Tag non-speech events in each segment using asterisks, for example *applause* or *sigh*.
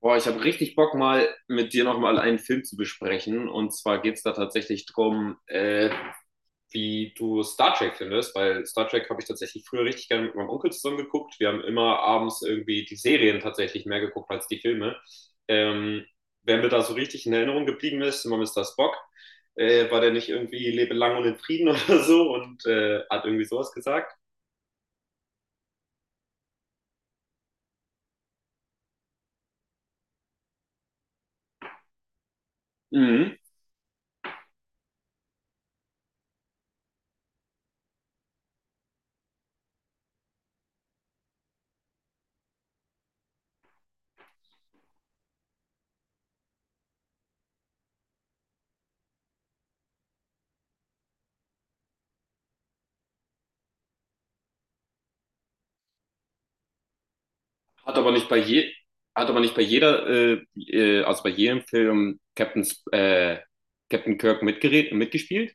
Boah, ich habe richtig Bock, mal mit dir nochmal einen Film zu besprechen. Und zwar geht's da tatsächlich drum, wie du Star Trek findest, weil Star Trek habe ich tatsächlich früher richtig gerne mit meinem Onkel zusammen geguckt. Wir haben immer abends irgendwie die Serien tatsächlich mehr geguckt als die Filme. Ähm, Wer mir da so richtig in Erinnerung geblieben ist, immer Mr. Spock. War der nicht irgendwie lebe lang und in Frieden *laughs* oder so und hat irgendwie sowas gesagt? Mhm. Hat aber nicht bei je, hat aber nicht bei jeder, also bei jedem Film Captain, Captain Kirk mitgeredet, mitgespielt?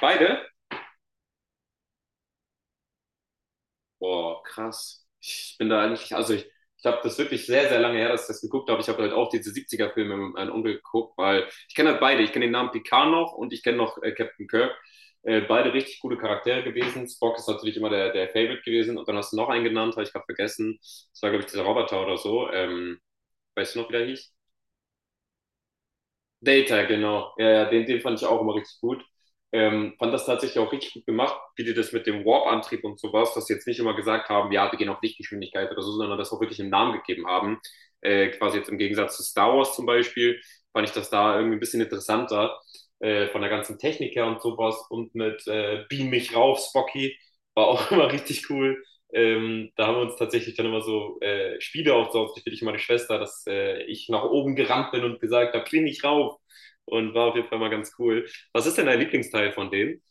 Beide? Boah, krass. Ich bin da eigentlich, also ich habe das wirklich sehr, sehr lange her, dass ich das geguckt habe. Ich habe halt auch diese siebziger filme mit meinem Onkel geguckt, weil ich kenne halt beide. Ich kenne den Namen Picard noch und ich kenne noch Captain Kirk. Beide richtig gute Charaktere gewesen. Spock ist natürlich immer der, der Favorite gewesen. Und dann hast du noch einen genannt, habe ich gerade vergessen. Das war, glaube ich, dieser Roboter oder so. Weißt du noch, wie der hieß? Data, genau. Ja, ja, den, den fand ich auch immer richtig gut. Fand das tatsächlich auch richtig gut gemacht, wie die das mit dem Warp-Antrieb und sowas, dass sie jetzt nicht immer gesagt haben, ja, wir gehen auf Lichtgeschwindigkeit oder so, sondern das auch wirklich einen Namen gegeben haben. Quasi jetzt im Gegensatz zu Star Wars zum Beispiel, fand ich das da irgendwie ein bisschen interessanter, von der ganzen Technik her und sowas. Und mit Beam mich rauf, Spocky, war auch *laughs* immer richtig cool. Da haben wir uns tatsächlich dann immer so Spiele aufgebaut, ich und meine Schwester, dass ich nach oben gerannt bin und gesagt habe, kling ich rauf. Und war auf jeden Fall mal ganz cool. Was ist denn dein Lieblingsteil von denen?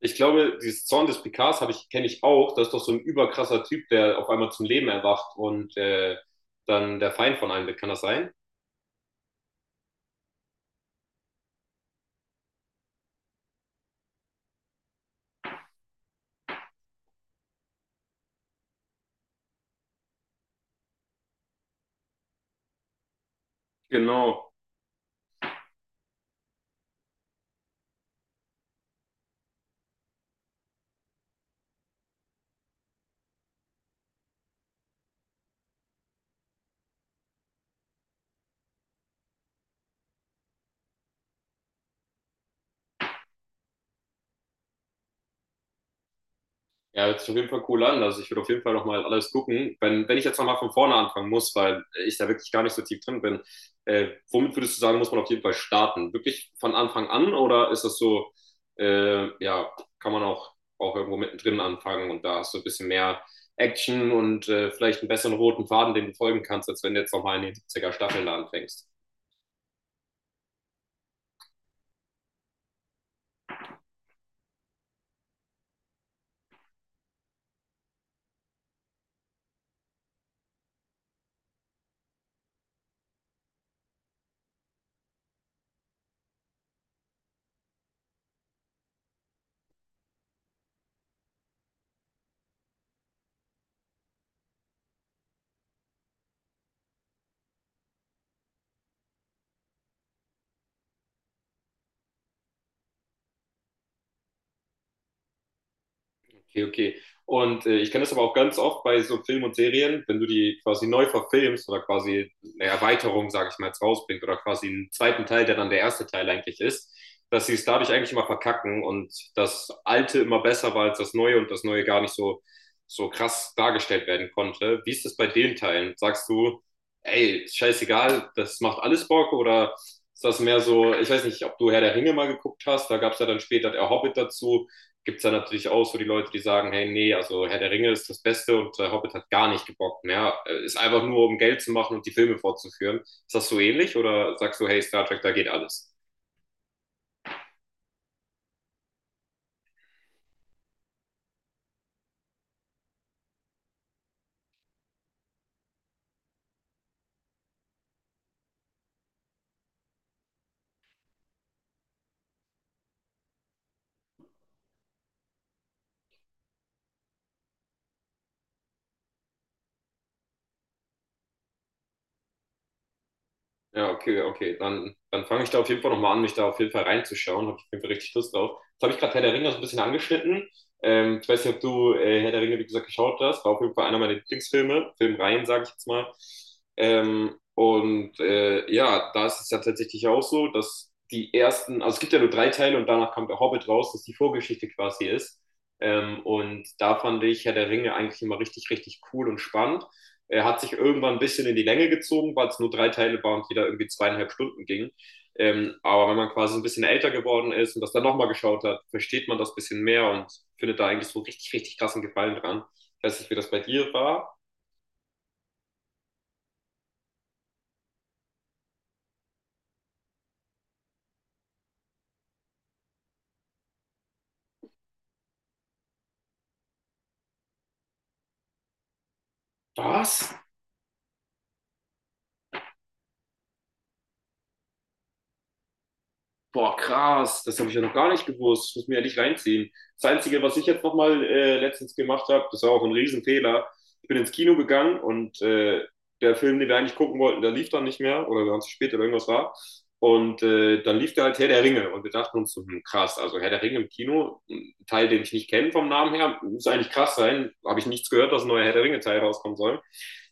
Ich glaube, dieses Zorn des Picards habe ich, kenne ich auch. Das ist doch so ein überkrasser Typ, der auf einmal zum Leben erwacht und dann der Feind von einem wird. Kann das sein? Genau. Ja, hört sich auf jeden Fall cool an. Also ich würde auf jeden Fall nochmal alles gucken. Wenn ich jetzt nochmal von vorne anfangen muss, weil ich da wirklich gar nicht so tief drin bin, womit würdest du sagen, muss man auf jeden Fall starten? Wirklich von Anfang an oder ist das so, ja, kann man auch, auch irgendwo mittendrin anfangen und da hast du ein bisschen mehr Action und vielleicht einen besseren roten Faden, den du folgen kannst, als wenn du jetzt nochmal in die 70er Staffeln da anfängst? Okay, okay. Und ich kenne das aber auch ganz oft bei so Filmen und Serien, wenn du die quasi neu verfilmst oder quasi eine Erweiterung, sage ich mal, jetzt rausbringst oder quasi einen zweiten Teil, der dann der erste Teil eigentlich ist, dass sie es dadurch eigentlich immer verkacken und das Alte immer besser war als das Neue und das Neue gar nicht so, so krass dargestellt werden konnte. Wie ist das bei den Teilen? Sagst du, ey, scheißegal, das macht alles Bock oder ist das mehr so, ich weiß nicht, ob du Herr der Ringe mal geguckt hast, da gab es ja dann später der Hobbit dazu, gibt es dann natürlich auch so die Leute, die sagen, hey, nee, also Herr der Ringe ist das Beste und Hobbit hat gar nicht gebockt mehr. Ist einfach nur, um Geld zu machen und die Filme fortzuführen. Ist das so ähnlich oder sagst du, hey, Star Trek, da geht alles? Ja, okay, okay. Dann fange ich da auf jeden Fall nochmal an, mich da auf jeden Fall reinzuschauen. Habe ich auf jeden Fall richtig Lust drauf. Jetzt habe ich gerade Herr der Ringe so ein bisschen angeschnitten. Ich weiß nicht, ob du Herr der Ringe, wie gesagt, geschaut hast. War auf jeden Fall einer meiner Lieblingsfilme. Filmreihen, sage ich jetzt mal. Ja, da ist es ja tatsächlich auch so, dass die ersten, also es gibt ja nur drei Teile und danach kam der Hobbit raus, dass die Vorgeschichte quasi ist. Und da fand ich Herr der Ringe eigentlich immer richtig, richtig cool und spannend. Er hat sich irgendwann ein bisschen in die Länge gezogen, weil es nur drei Teile war und jeder irgendwie zweieinhalb Stunden ging. Aber wenn man quasi ein bisschen älter geworden ist und das dann nochmal geschaut hat, versteht man das ein bisschen mehr und findet da eigentlich so richtig, richtig krassen Gefallen dran. Ich weiß nicht, wie das bei dir war. Was? Boah, krass, das habe ich ja noch gar nicht gewusst. Ich muss mir ja nicht reinziehen. Das Einzige, was ich jetzt nochmal letztens gemacht habe, das war auch ein Riesenfehler. Ich bin ins Kino gegangen und der Film, den wir eigentlich gucken wollten, der lief dann nicht mehr oder wir waren zu spät oder irgendwas war. Und dann lief da halt Herr der Ringe und wir dachten uns, so, hm, krass, also Herr der Ringe im Kino, ein Teil, den ich nicht kenne vom Namen her, muss eigentlich krass sein. Habe ich nichts gehört, dass ein neuer Herr der Ringe-Teil rauskommen soll.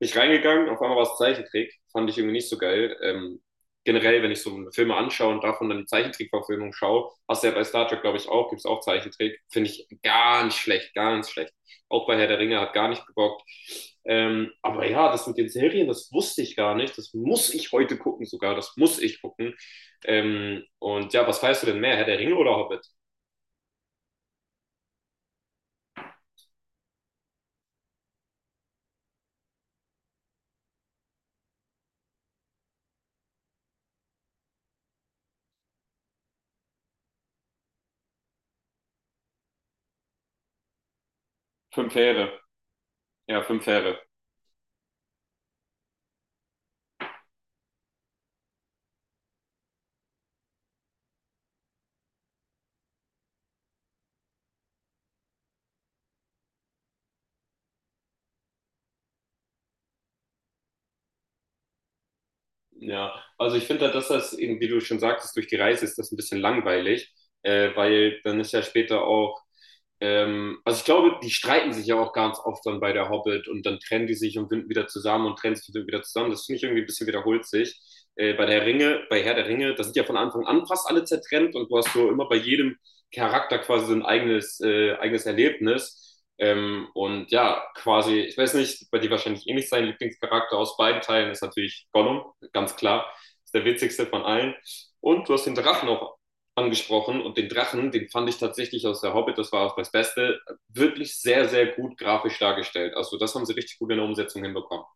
Bin ich reingegangen, auf einmal war es Zeichentrick, fand ich irgendwie nicht so geil. Generell, wenn ich so Filme anschaue und davon dann die Zeichentrickverfilmung schaue, hast du ja bei Star Trek, glaube ich, auch, gibt es auch Zeichentrick, finde ich ganz schlecht, ganz schlecht. Auch bei Herr der Ringe hat gar nicht gebockt. Aber ja, das mit den Serien, das wusste ich gar nicht. Das muss ich heute gucken sogar, das muss ich gucken. Und ja, was weißt du denn mehr, Herr der Ringe oder Hobbit? Fünf Fähre. Ja, fünf Fähre. Ja, also ich finde, dass das eben, wie du schon sagtest, durch die Reise ist das ein bisschen langweilig, weil dann ist ja später auch, also ich glaube, die streiten sich ja auch ganz oft dann bei der Hobbit und dann trennen die sich und finden wieder zusammen und trennen sich wieder zusammen. Das finde ich irgendwie ein bisschen wiederholt sich. Bei der Ringe, bei Herr der Ringe, da sind ja von Anfang an fast alle zertrennt und du hast so immer bei jedem Charakter quasi so ein eigenes, eigenes Erlebnis. Und ja, quasi, ich weiß nicht, bei dir wahrscheinlich ähnlich sein Lieblingscharakter aus beiden Teilen ist natürlich Gollum, ganz klar. Ist der witzigste von allen. Und du hast den Drachen auch angesprochen und den Drachen, den fand ich tatsächlich aus der Hobbit, das war auch das Beste, wirklich sehr, sehr gut grafisch dargestellt. Also das haben sie richtig gut in der Umsetzung hinbekommen.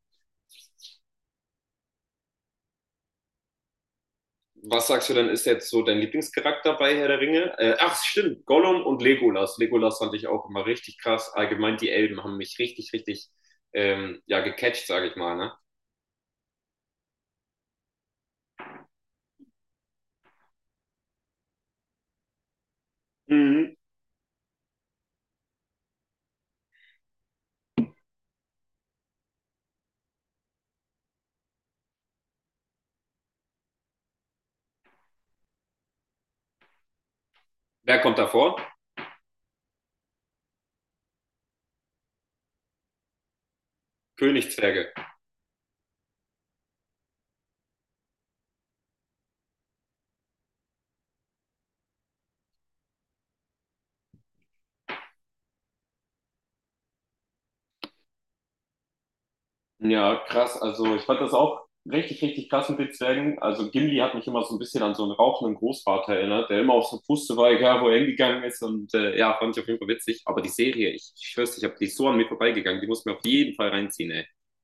Was sagst du denn, ist jetzt so dein Lieblingscharakter bei Herr der Ringe? Stimmt, Gollum und Legolas. Legolas fand ich auch immer richtig krass. Allgemein die Elben haben mich richtig, richtig ja, gecatcht, sage ich mal. Ne? Mhm. Wer kommt davor? Königszwerge. Ja, krass. Also ich fand das auch richtig, richtig krass mit den Zwergen. Also Gimli hat mich immer so ein bisschen an so einen rauchenden Großvater erinnert, der immer auf so Puste war, egal wo er hingegangen ist. Und ja, fand ich auf jeden Fall witzig. Aber die Serie, ich schwör's, ich habe die ist so an mir vorbeigegangen. Die muss mir auf jeden Fall reinziehen, ey.